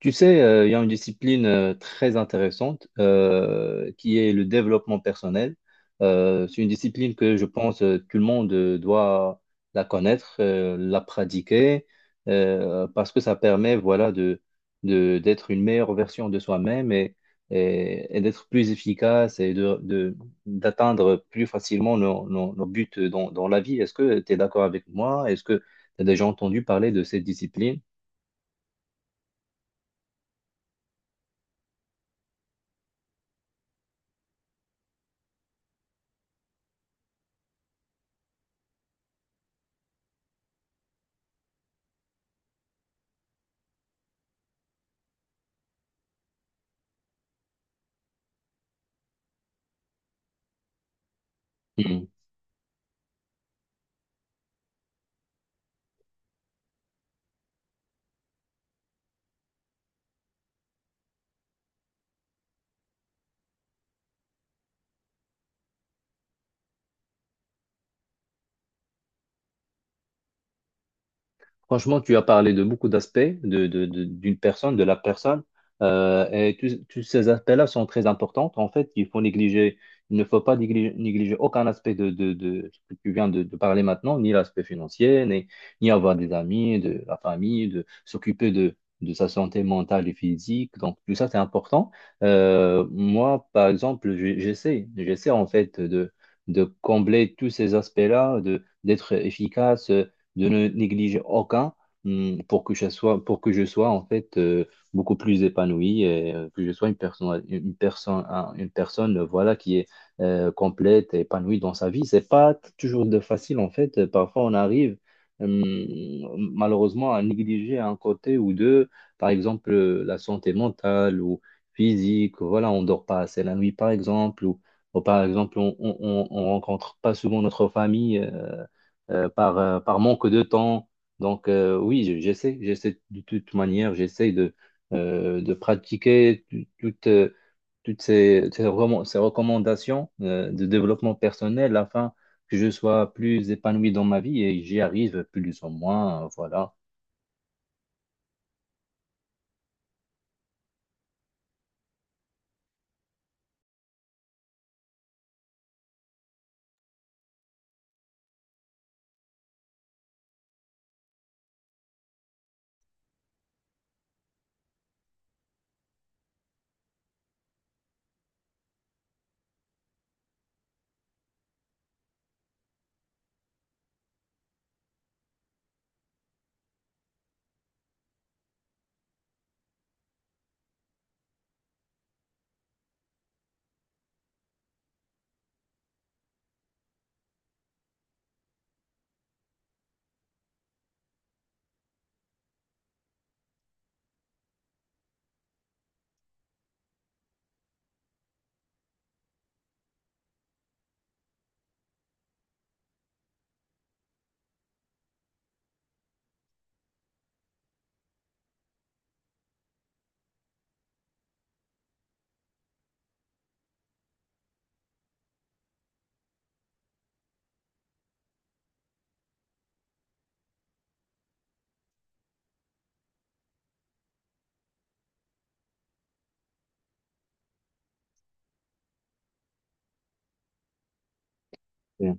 Tu sais, il y a une discipline très intéressante qui est le développement personnel. C'est une discipline que je pense tout le monde doit la connaître, la pratiquer, parce que ça permet, voilà, de, d'être une meilleure version de soi-même et, et d'être plus efficace Et de- d'atteindre plus facilement nos, nos buts dans, dans la vie. Est-ce que tu es d'accord avec moi? Est-ce que tu as déjà entendu parler de cette discipline? Franchement, tu as parlé de beaucoup d'aspects de, d'une personne, de la personne, et tous ces aspects-là sont très importants. En fait, il faut négliger, il ne faut pas négliger, négliger aucun aspect de ce que tu viens de parler maintenant, ni l'aspect financier, ni avoir des amis, de la famille, de s'occuper de sa santé mentale et physique. Donc, tout ça, c'est important. Moi, par exemple, j'essaie, j'essaie en fait de, combler tous ces aspects-là, de, d'être efficace de ne négliger aucun pour que je sois, pour que je sois en fait beaucoup plus épanoui et que je sois une personne, une personne, une personne voilà, qui est complète et épanouie dans sa vie. C'est pas toujours de facile en fait. Parfois, on arrive malheureusement à négliger un côté ou deux, par exemple la santé mentale ou physique. Voilà, on dort pas assez la nuit, par exemple, ou par exemple, on, rencontre pas souvent notre famille, par manque de temps. Donc, oui, j'essaie, j'essaie de toute manière, j'essaie de pratiquer toutes ces, ces recommandations de développement personnel afin que je sois plus épanoui dans ma vie et j'y arrive plus ou moins, voilà. Mm.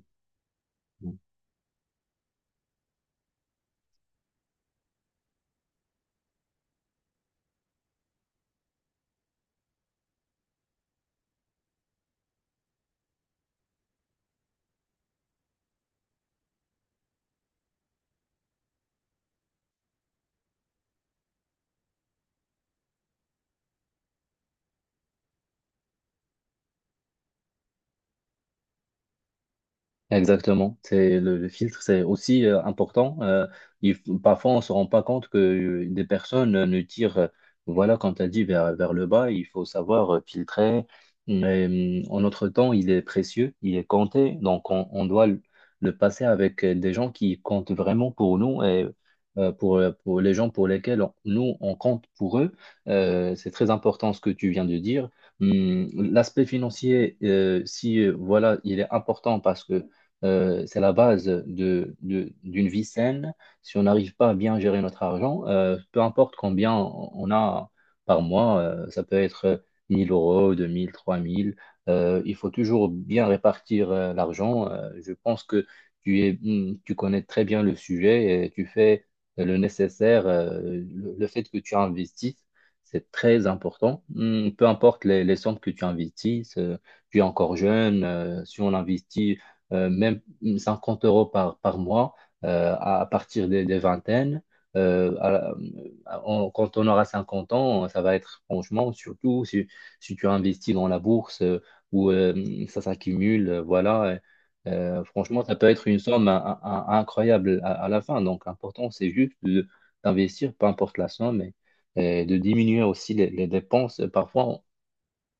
Exactement, c'est le filtre, c'est aussi important. Parfois, on se rend pas compte que des personnes ne tirent, voilà, comme tu as dit, vers le bas. Il faut savoir filtrer. Mais, en notre temps, il est précieux, il est compté, donc on doit le passer avec des gens qui comptent vraiment pour nous et pour les gens pour lesquels nous, on compte pour eux. C'est très important ce que tu viens de dire. L'aspect financier, si voilà, il est important parce que c'est la base de, d'une vie saine. Si on n'arrive pas à bien gérer notre argent, peu importe combien on a par mois, ça peut être 1000 euros, 2000, 3000, il faut toujours bien répartir l'argent. Je pense que tu connais très bien le sujet et tu fais le nécessaire. Le fait que tu investis, c'est très important. Peu importe les sommes que tu investisses, tu es encore jeune, si on investit même 50 € par mois à partir des vingtaines. Euh, à- Quand on aura 50 ans, ça va être franchement, surtout si, tu investis dans la bourse où ça s'accumule, voilà. Franchement, ça peut être une somme incroyable à la fin. Donc, l'important, c'est juste d'investir, peu importe la somme, et de diminuer aussi les dépenses. Parfois,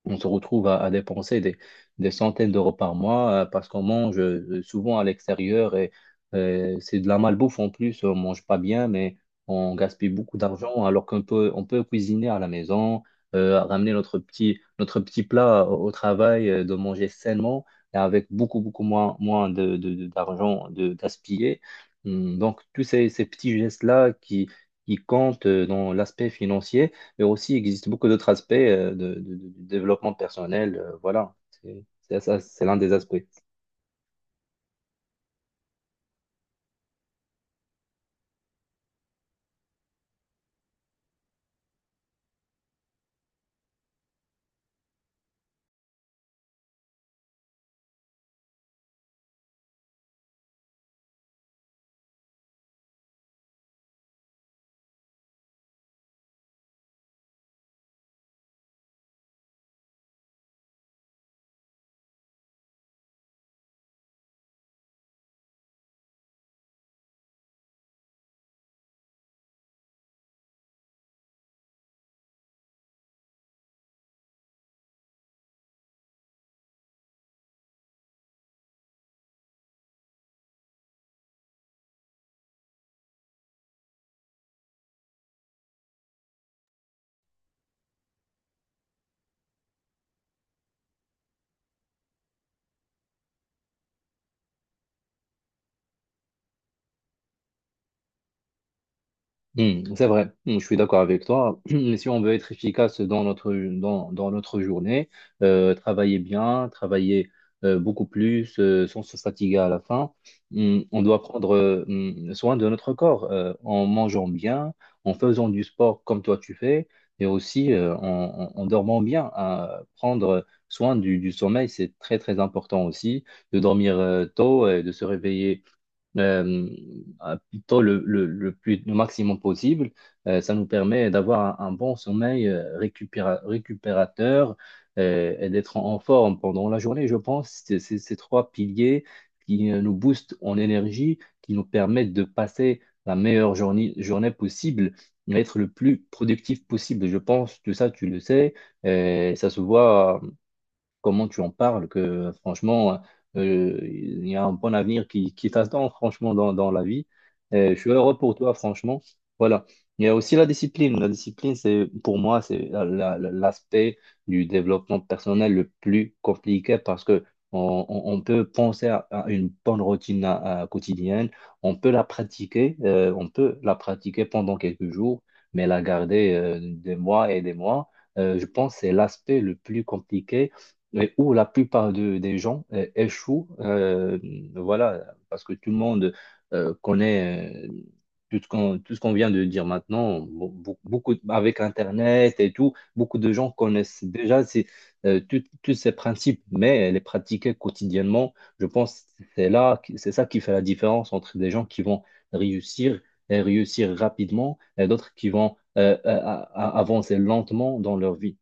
on se retrouve à dépenser des centaines d'euros par mois parce qu'on mange souvent à l'extérieur et c'est de la malbouffe en plus. On mange pas bien, mais on gaspille beaucoup d'argent alors qu'on peut, cuisiner à la maison, ramener notre petit plat au travail, de manger sainement et avec beaucoup, beaucoup moins, moins d'argent de gaspillé. Donc, tous ces petits gestes-là qui comptent dans l'aspect financier, mais aussi il existe beaucoup d'autres aspects de, du développement personnel. Voilà, c'est c'est ça, c'est l'un des aspects. C'est vrai. Je suis d'accord avec toi. Mais si on veut être efficace dans notre, dans notre journée, travailler bien, travailler beaucoup plus sans se fatiguer à la fin, on doit prendre soin de notre corps en mangeant bien, en faisant du sport comme toi tu fais, et aussi en dormant bien, hein. Prendre soin du sommeil, c'est très très important aussi, de dormir tôt et de se réveiller euh, à plutôt le plus, le maximum possible. Ça nous permet d'avoir un bon sommeil récupérateur et d'être en forme pendant la journée. Je pense que c'est ces trois piliers qui nous boostent en énergie, qui nous permettent de passer la meilleure journée possible, d'être le plus productif possible. Je pense que ça, tu le sais, et ça se voit comment tu en parles, que franchement, il y a un bon avenir qui t'attend, franchement, dans la vie. Et je suis heureux pour toi, franchement. Voilà. Il y a aussi la discipline. La discipline, c'est, pour moi, c'est l'aspect du développement personnel le plus compliqué parce que on peut penser à, une bonne routine à quotidienne, on peut la pratiquer, on peut la pratiquer pendant quelques jours, mais la garder des mois et des mois, je pense que c'est l'aspect le plus compliqué mais où la plupart des gens échouent, voilà, parce que tout le monde connaît tout ce qu'on vient de dire maintenant. Bon, beaucoup, avec Internet et tout, beaucoup de gens connaissent déjà tous ces principes, mais les pratiquer quotidiennement, je pense que c'est là, c'est ça qui fait la différence entre des gens qui vont réussir et réussir rapidement et d'autres qui vont avancer lentement dans leur vie.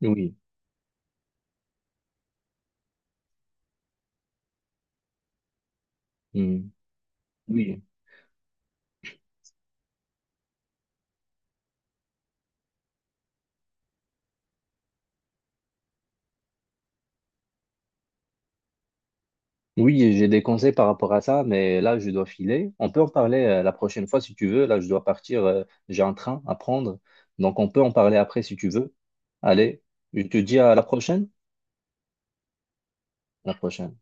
Oui. Mm. Oui. Oui, j'ai des conseils par rapport à ça, mais là, je dois filer. On peut en parler la prochaine fois si tu veux. Là, je dois partir. J'ai un train à prendre. Donc, on peut en parler après si tu veux. Allez, je te dis à la prochaine. À la prochaine.